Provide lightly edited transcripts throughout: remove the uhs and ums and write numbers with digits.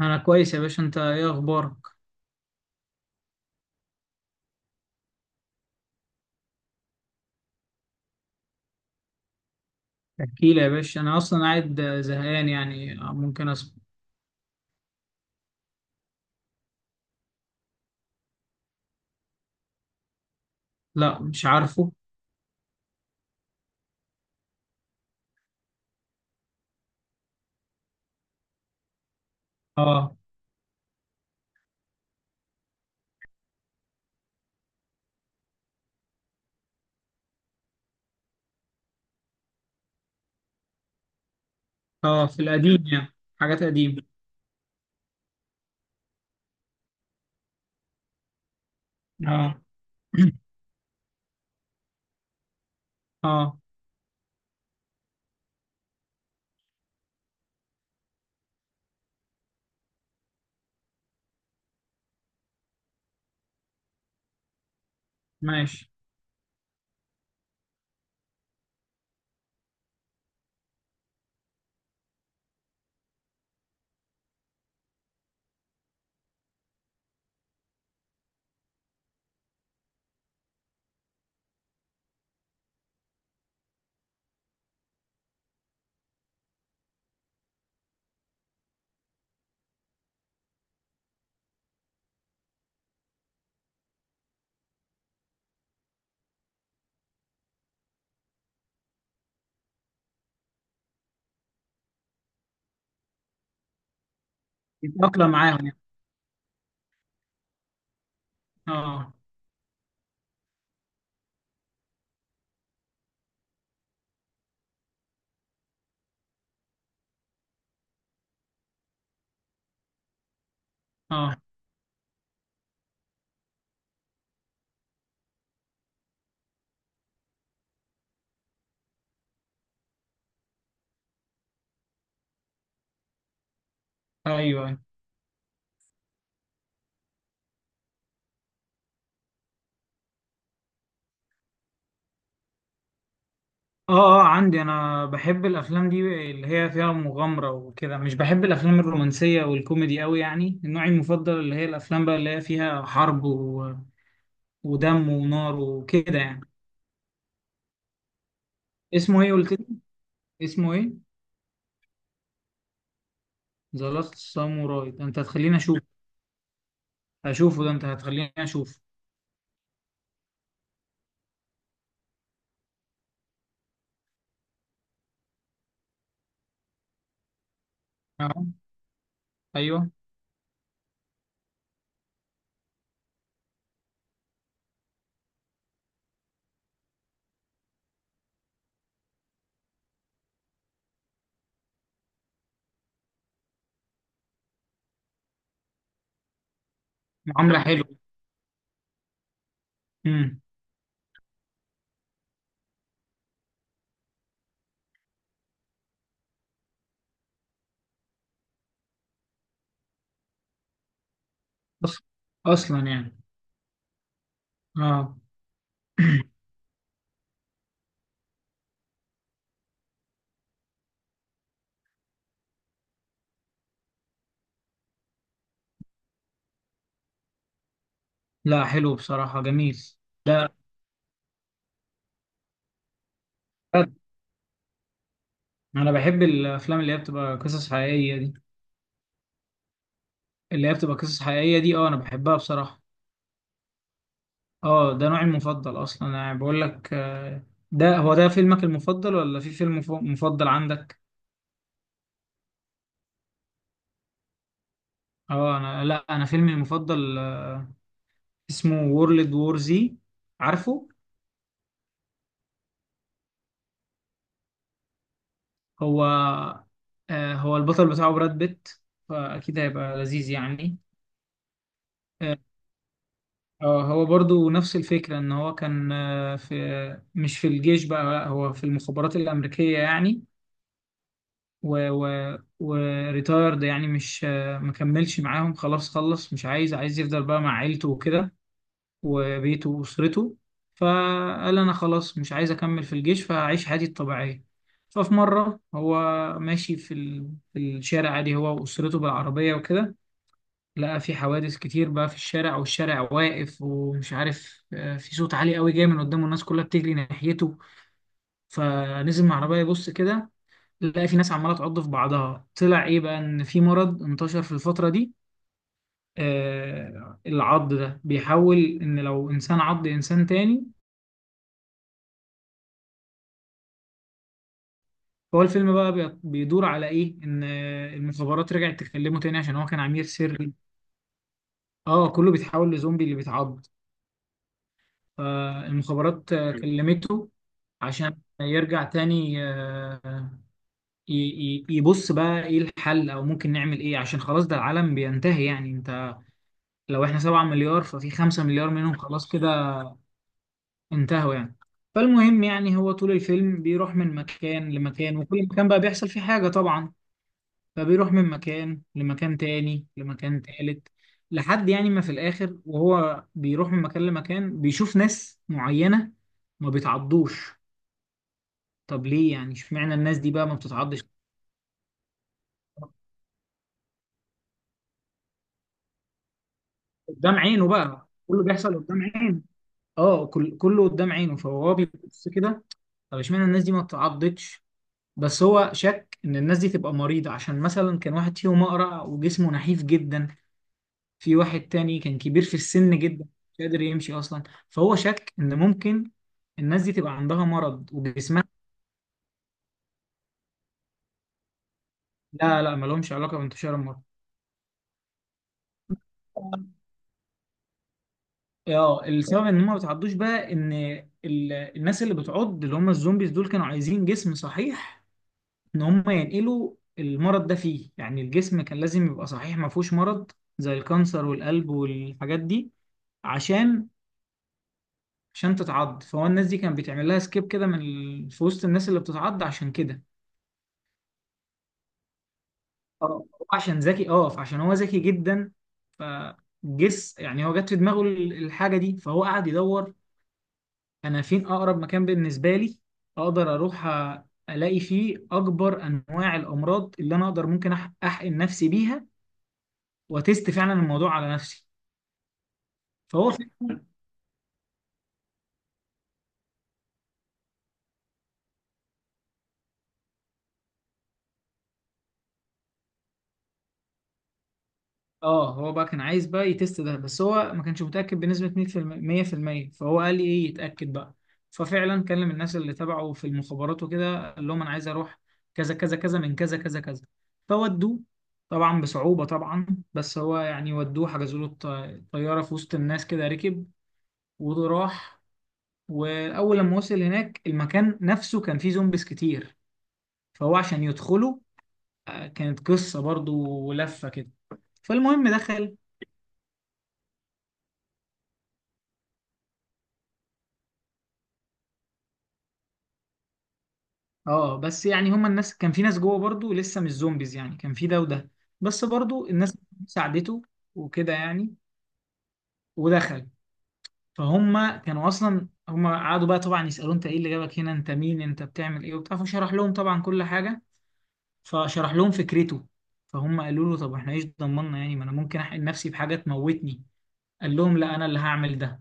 انا كويس يا باشا، انت ايه اخبارك؟ احكي لي يا باشا، انا اصلا قاعد زهقان، يعني ممكن اسمع. لا، مش عارفه. اه اه في القديم يعني. حاجات قديمة. اه. اه. ماشي. يتأقلم معاهم يعني. اه. اه. ايوه، أيوة. اه عندي، انا بحب الافلام دي اللي هي فيها مغامرة وكده. مش بحب الافلام الرومانسية والكوميدي قوي. يعني النوع المفضل اللي هي الافلام بقى اللي هي فيها حرب و... ودم ونار وكده يعني. اسمه ايه قلت لي؟ اسمه ايه؟ ذا لاست ساموراي؟ ده انت هتخليني اشوف. اشوفه ده، انت هتخليني اشوف. اه. ايوه. معاملة حلوة. امم. أص- اصلا يعني. اه. لا، حلو بصراحة، جميل. لا، انا بحب الافلام اللي هي بتبقى قصص حقيقية دي. اللي هي بتبقى قصص حقيقية دي، اه انا بحبها بصراحة. اه، ده نوعي المفضل اصلا. انا يعني بقول لك ده هو ده فيلمك المفضل، ولا في فيلم مفضل عندك؟ اه، انا لا، انا فيلمي المفضل اسمه وورلد وور زي. عارفه، هو هو البطل بتاعه براد بيت، فأكيد هيبقى لذيذ يعني. آه. هو برضو نفس الفكرة، إن هو كان في، مش في الجيش بقى، لا هو في المخابرات الأمريكية يعني. و وريتايرد يعني، مش مكملش معاهم، خلاص خلص، مش عايز، عايز يفضل بقى مع عيلته وكده، وبيته وأسرته. فقال أنا خلاص مش عايز أكمل في الجيش، فهعيش حياتي الطبيعية. ففي مرة هو ماشي في الشارع عادي، هو وأسرته بالعربية وكده. لقى في حوادث كتير بقى في الشارع، والشارع واقف ومش عارف، في صوت عالي قوي جاي من قدامه، الناس كلها بتجري ناحيته. فنزل من العربية يبص كده، لقى في ناس عمالة تعض في بعضها. طلع إيه بقى، إن في مرض انتشر في الفترة دي. العض ده بيحول، ان لو انسان عض انسان تاني. هو الفيلم بقى بيدور على ايه؟ ان المخابرات رجعت تكلمه تاني عشان هو كان عميل سري. اه كله بيتحول لزومبي اللي بيتعض. فالمخابرات كلمته عشان يرجع تاني. يبص بقى ايه الحل، او ممكن نعمل ايه، عشان خلاص ده العالم بينتهي يعني. انت لو احنا 7 مليار، ففي 5 مليار منهم خلاص كده انتهوا يعني. فالمهم يعني، هو طول الفيلم بيروح من مكان لمكان، وكل مكان بقى بيحصل فيه حاجة طبعا. فبيروح من مكان لمكان تاني لمكان تالت، لحد يعني ما في الآخر. وهو بيروح من مكان لمكان، بيشوف ناس معينة ما بيتعضوش. طب ليه يعني، اشمعنى الناس دي بقى ما بتتعضش؟ قدام عينه بقى كله بيحصل قدام عينه. اه، كله قدام عينه. فهو بيبص كده، طب اشمعنى الناس دي ما بتتعضش؟ بس هو شك ان الناس دي تبقى مريضة، عشان مثلا كان واحد فيهم اقرع وجسمه نحيف جدا. في واحد تاني كان كبير في السن جدا، مش قادر يمشي اصلا. فهو شك ان ممكن الناس دي تبقى عندها مرض وجسمها. لا ما لهمش علاقه بانتشار المرض. اه، السبب ان هم ما بيتعضوش بقى ان الناس اللي بتعض، اللي هم الزومبيز دول، كانوا عايزين جسم صحيح، ان هم ينقلوا المرض ده فيه. يعني الجسم كان لازم يبقى صحيح، ما فيهوش مرض زي الكانسر والقلب والحاجات دي عشان تتعض. فهو الناس دي كان بيتعمل لها سكيب كده في وسط الناس اللي بتتعض، عشان كده. اه، عشان ذكي، اه، فعشان هو ذكي جدا. فجس يعني هو جت في دماغه الحاجه دي، فهو قعد يدور، انا فين اقرب مكان بالنسبه لي اقدر اروح، الاقي فيه اكبر انواع الامراض اللي انا اقدر، ممكن احقن نفسي بيها، وتست فعلا الموضوع على نفسي. فهو اه، هو بقى كان عايز بقى يتست ده. بس هو ما كانش متأكد بنسبة 100%، فهو قال لي ايه يتأكد بقى. ففعلا كلم الناس اللي تبعه في المخابرات وكده، قال لهم انا عايز اروح كذا كذا كذا من كذا كذا كذا. فودوه، طبعا بصعوبة طبعا. بس هو يعني ودوه، حجزوا له طيارة في وسط الناس كده، ركب وراح. واول لما وصل هناك، المكان نفسه كان فيه زومبيز كتير. فهو عشان يدخله، كانت قصة برضو ولفة كده. فالمهم دخل. اه بس يعني هما الناس، كان في ناس جوه برضو لسه مش زومبيز، يعني كان في ده وده. بس برضو الناس ساعدته وكده يعني. ودخل. فهم كانوا اصلا، هم قعدوا بقى طبعا يسالوه، انت ايه اللي جابك هنا، انت مين، انت بتعمل ايه وبتاع. فشرح لهم طبعا كل حاجه، فشرح لهم فكرته. فهم قالوا له طب احنا ايش ضمننا، يعني ما انا ممكن احقن نفسي بحاجه تموتني. قال لهم لا انا اللي هعمل ده.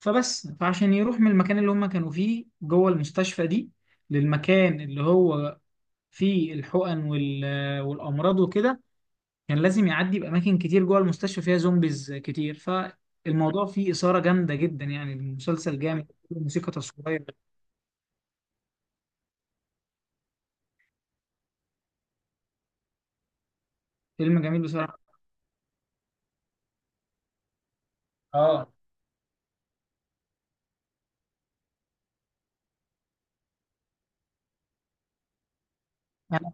فبس، فعشان يروح من المكان اللي هم كانوا فيه جوه المستشفى دي، للمكان اللي هو في الحقن والامراض وكده، كان لازم يعدي باماكن كتير جوه المستشفى فيها زومبيز كتير. فالموضوع فيه اثاره جامده جدا يعني، المسلسل جامد، موسيقى تصويريه. فيلم جميل بصراحه. اه. أنا-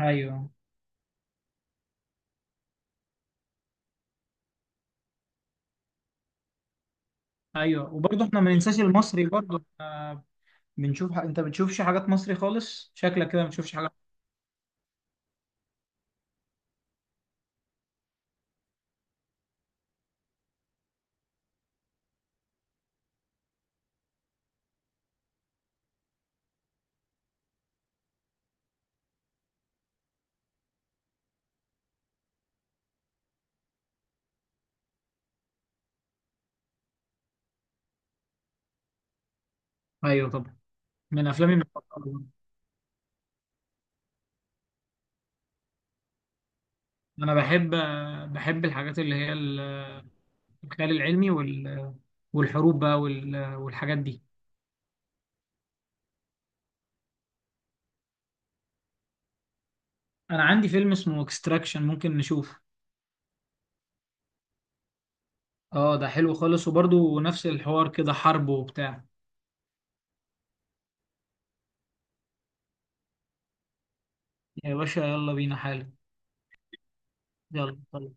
ايوه، ايوه. وبرضه احنا ما ننساش المصري، برضه إحنا بنشوف انت بتشوفش حاجات مصري خالص، شكلك كده ما بتشوفش حاجات. ايوه طبعا، من افلامي المفضله. انا بحب بحب الحاجات اللي هي الخيال العلمي والحروب بقى والحاجات دي. انا عندي فيلم اسمه اكستراكشن، ممكن نشوفه. اه ده حلو خالص، وبرضه نفس الحوار كده، حرب وبتاع. يا باشا يلا بينا حالا. يلا.